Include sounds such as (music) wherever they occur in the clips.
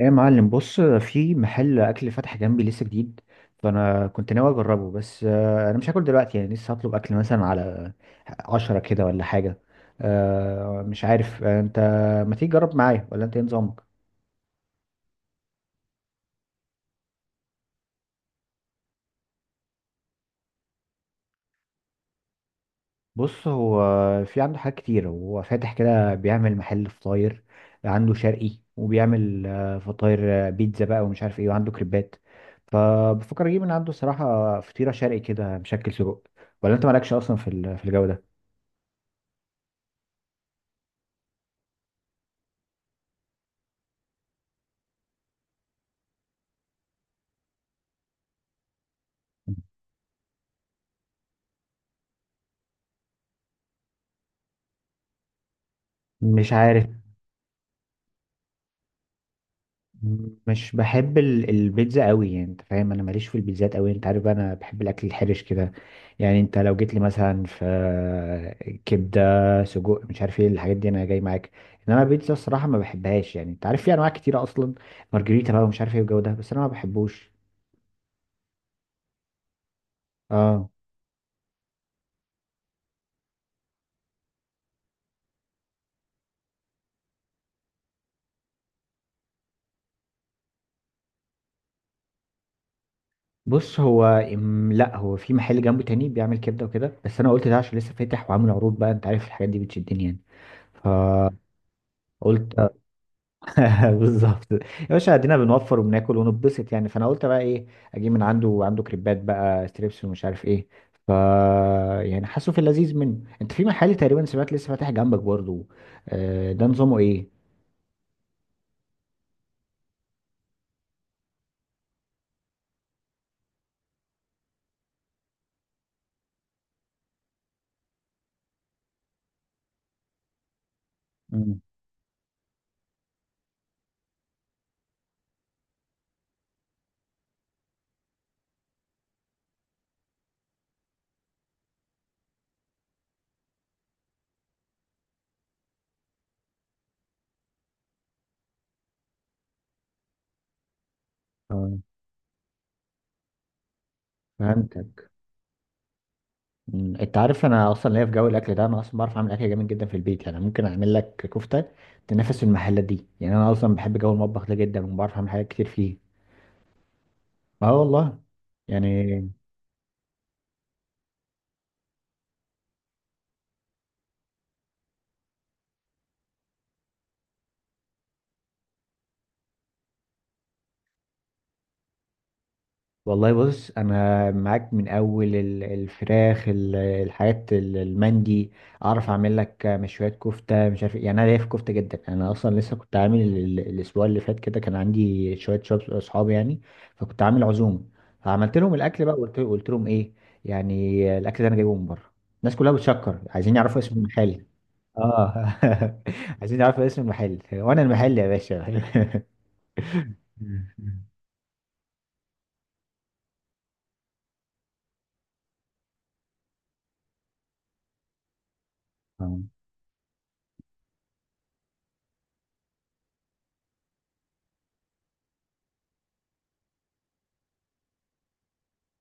ايه يا معلم، بص، في محل اكل فتح جنبي لسه جديد. فانا كنت ناوي اجربه، بس انا مش هاكل دلوقتي، يعني لسه هطلب اكل مثلا على 10 كده ولا حاجه. مش عارف. انت ما تيجي تجرب معايا ولا انت ايه نظامك؟ بص، هو في عنده حاجات كتير، هو فاتح كده بيعمل محل فطاير، عنده شرقي، وبيعمل فطاير، بيتزا بقى ومش عارف ايه، وعنده كريبات. فبفكر اجيب من عنده صراحه فطيره شرقي كده مشكل سجق. ولا انت مالكش اصلا في الجو ده؟ مش عارف. مش بحب البيتزا قوي، يعني انت فاهم، انا ماليش في البيتزات قوي، انت عارف بقى انا بحب الاكل الحرش كده. يعني انت لو جيت لي مثلا في كبده، سجق، مش عارف ايه الحاجات دي، انا جاي معاك. انما البيتزا الصراحه ما بحبهاش، يعني انت عارف في انواع كتيره اصلا، مارجريتا بقى ومش عارف ايه والجو ده، بس انا ما بحبوش. اه. بص هو لا، هو في محل جنبه تاني بيعمل كبده وكده، بس انا قلت ده عشان لسه فاتح وعامل عروض بقى، انت عارف الحاجات دي بتشدني يعني. فقلت (laughs) بالظبط يا باشا، ادينا بنوفر وبناكل ونتبسط، يعني فانا قلت بقى ايه، اجيب من عنده. عنده كريبات بقى ستريبس ومش عارف ايه، ف يعني حاسه في اللذيذ منه. انت في محل تقريبا سمعت لسه فاتح جنبك برضه، ده نظامه ايه؟ مم. آه. فهمتك. مم. انت عارف انا اصلا ليا في جو الاكل ده، انا اصلا بعرف اعمل اكل جامد جدا في البيت، يعني ممكن اعمل لك كفته تنافس المحلات دي. يعني انا اصلا بحب جو المطبخ ده جدا وبعرف اعمل حاجات كتير فيه. اه والله. يعني والله، بص انا معاك من اول الفراخ، الحاجات، المندي. اعرف اعمل لك مشويات، كفته، مش عارف إيه. يعني انا ليا في كفته جدا، يعني انا اصلا لسه كنت عامل الاسبوع اللي فات كده كان عندي شويه اصحابي يعني، فكنت عامل عزومه. فعملت لهم الاكل بقى وقلت لهم ايه يعني الاكل ده انا جايبه من بره. الناس كلها بتشكر، عايزين يعرفوا اسم المحل. اه. (laughs) عايزين يعرفوا اسم المحل وانا المحل يا باشا. (laughs) مم. مم.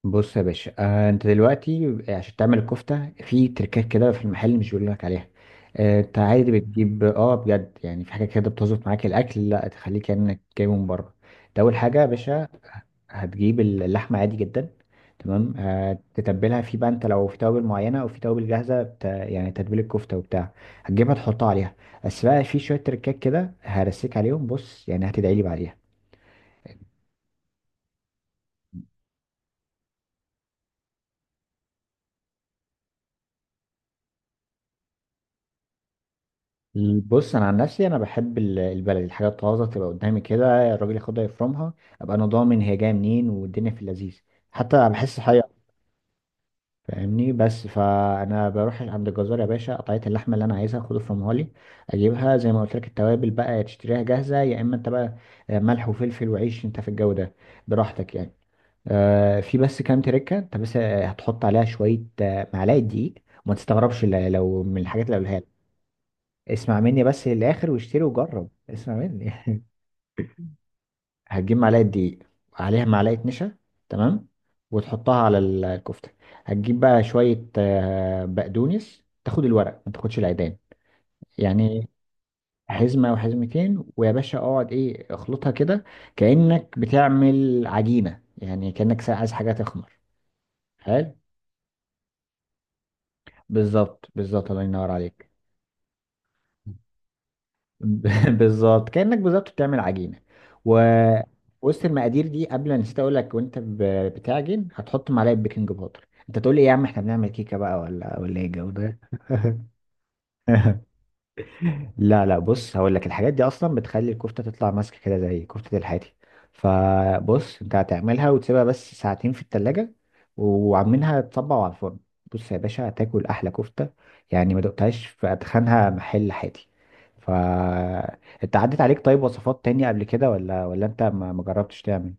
بص يا باشا، انت دلوقتي عشان تعمل الكفته في تركات كده في المحل مش بيقول لك عليها. آه، انت عادي بتجيب، اه بجد، يعني في حاجه كده بتظبط معاك الاكل لا تخليك كانك جايبه من بره. انت اول حاجه يا باشا هتجيب اللحمه عادي جدا، تمام، آه تتبلها، في بقى انت لو في توابل معينه او في توابل جاهزه يعني تتبيل الكفته وبتاع، هتجيبها تحطها عليها. بس بقى في شويه تركات كده هرسيك عليهم بص، يعني هتدعي لي بعديها. بص انا عن نفسي انا بحب البلد، الحاجات طازه تبقى قدامي كده، الراجل ياخدها يفرمها، ابقى انا ضامن هي جايه منين والدنيا في اللذيذ. حتى بحس حقيقة. فاهمني؟ بس فانا بروح عند الجزار يا باشا، قطعيه اللحمه اللي انا عايزها، خد افرمها لي، اجيبها زي ما قلت لك. التوابل بقى يا تشتريها جاهزه، يا اما انت بقى ملح وفلفل وعيش، انت في الجو ده براحتك يعني. آه، في بس كام تركه انت بس هتحط عليها شويه معلقه دقيق، وما تستغربش لو من الحاجات اللي قبلها. اسمع مني بس للاخر واشتري وجرب، اسمع مني. (laughs) هتجيب معلقه دقيق، عليها معلقه نشا، تمام، وتحطها على الكفته. هتجيب بقى شويه بقدونس، تاخد الورق ما تاخدش العيدان يعني، حزمه وحزمتين، ويا باشا اقعد ايه اخلطها كده، كانك بتعمل عجينه، يعني كانك عايز حاجه تخمر. حلو. بالظبط، بالظبط، الله ينور عليك. (laughs) بالظبط، كأنك بالظبط بتعمل عجينة. و مم. وسط المقادير دي، قبل أنا نسيت اقول لك، وانت بتعجن هتحط معلقة بيكنج باودر. انت تقول لي إيه يا عم احنا بنعمل كيكة بقى ولا ايه الجو ده؟ (laughs) لا لا، بص هقول لك، الحاجات دي اصلا بتخلي الكفته تطلع ماسكه كده زي كفته الحاتي. فبص، انت هتعملها وتسيبها بس ساعتين في التلاجة، وعاملينها تصبع على الفرن. بص يا باشا هتاكل احلى كفته، يعني ما دقتهاش في اتخنها محل حاتي. ف انت عدت عليك طيب وصفات تانية قبل كده ولا انت ما جربتش تعمل؟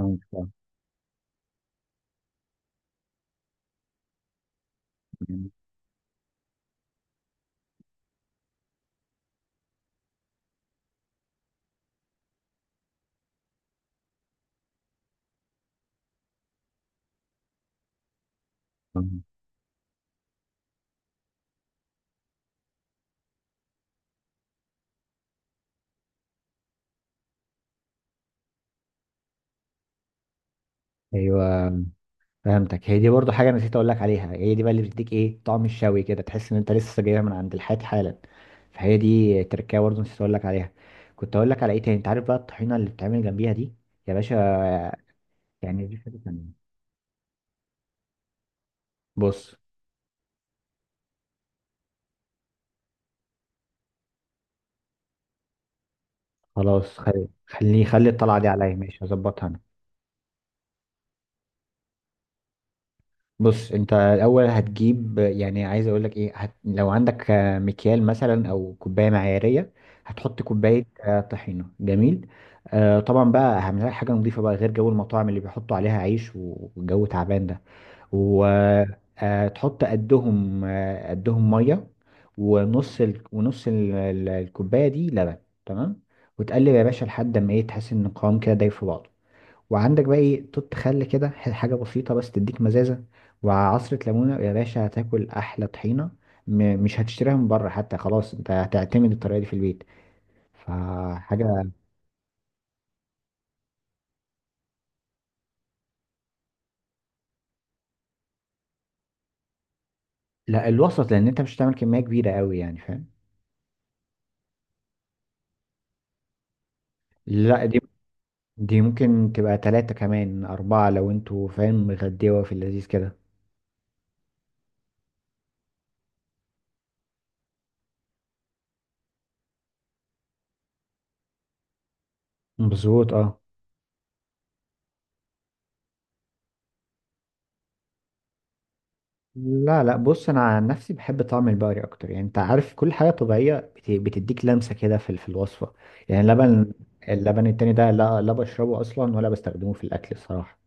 آه، آه، آه. ايوه فهمتك، هي دي برضو حاجه انا نسيت اقول لك عليها، هي دي بقى اللي بتديك ايه طعم الشوي كده، تحس ان انت لسه جايبها من عند الحيط حالا. فهي دي تركية برضو نسيت اقول لك عليها. كنت اقول لك على ايه تاني؟ انت عارف بقى الطحينه اللي بتعمل جنبيها دي يا باشا. يعني دي حاجه تانيه. بص، خلاص، خلي الطلعه دي عليا، ماشي، هظبطها أنا. بص، انت الاول هتجيب، يعني عايز اقول لك ايه، لو عندك مكيال مثلا او كوبايه معياريه، هتحط كوبايه طحينه، جميل. آه طبعا بقى، اهم حاجه حاجه نضيفه بقى، غير جو المطاعم اللي بيحطوا عليها عيش والجو تعبان ده. وتحط قدهم قدهم ميه، الكوبايه دي لبن. تمام، وتقلب يا باشا لحد ما ايه تحس ان القوام كده دايب في بعضه. وعندك بقى ايه توت، خل كده، حاجه بسيطه بس تديك مزازه، وعصره ليمونه، يا باشا هتاكل احلى طحينه. مش هتشتريها من بره حتى، خلاص انت هتعتمد الطريقه دي في البيت. فحاجه. لا، الوسط، لان انت مش هتعمل كميه كبيره قوي يعني فاهم. لا دي، دي ممكن تبقى ثلاثة كمان أربعة، لو انتوا فاهم مغديوة في اللذيذ كده. مظبوط اه. لا لا، بص انا عن نفسي بحب طعم البقري اكتر، يعني انت عارف كل حاجه طبيعيه بتديك لمسه كده في الوصفه. يعني اللبن، اللبن التاني ده لا لا بشربه اصلا ولا بستخدمه في الاكل الصراحه.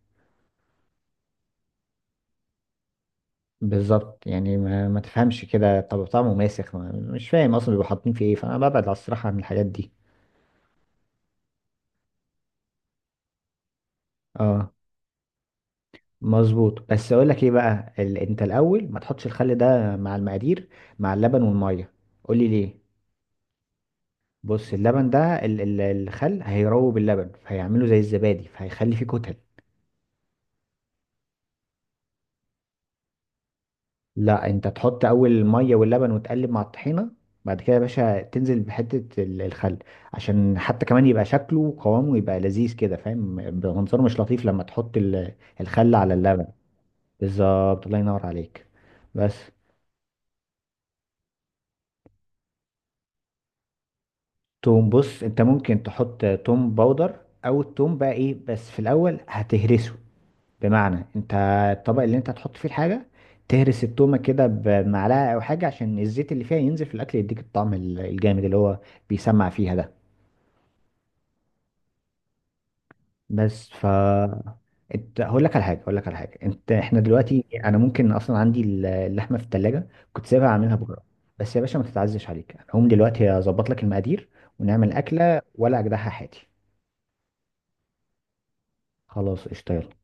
بالظبط، يعني ما تفهمش كده، طب طعمه ماسخ، ما مش فاهم اصلا بيبقوا حاطين فيه ايه، فانا ببعد على الصراحه عن الحاجات دي. اه. مظبوط، بس اقول لك ايه بقى انت الاول ما تحطش الخل ده مع المقادير، مع اللبن والميه. قول لي ليه. بص اللبن ده، الخل هيروب اللبن، فهيعمله زي الزبادي، فهيخلي فيه كتل. لا، انت تحط اول الميه واللبن وتقلب مع الطحينه، بعد كده يا باشا تنزل بحته الخل، عشان حتى كمان يبقى شكله وقوامه يبقى لذيذ كده فاهم، بيبقى منظره مش لطيف لما تحط الخل على اللبن. بالظبط، الله ينور عليك. بس. توم، بص انت ممكن تحط توم باودر، او التوم بقى ايه، بس في الاول هتهرسه، بمعنى انت الطبق اللي انت هتحط فيه الحاجه تهرس التومه كده بمعلقه او حاجه، عشان الزيت اللي فيها ينزل في الاكل، يديك الطعم الجامد اللي هو بيسمع فيها ده. بس انت، هقول لك على حاجه، هقول لك على حاجه انت، احنا دلوقتي انا ممكن اصلا عندي اللحمه في التلاجة كنت سايبها اعملها بكره. بس يا باشا ما تتعزش عليك، انا هقوم دلوقتي اظبط لك المقادير ونعمل اكله، ولا اجدعها حياتي. خلاص قشطه، يلا.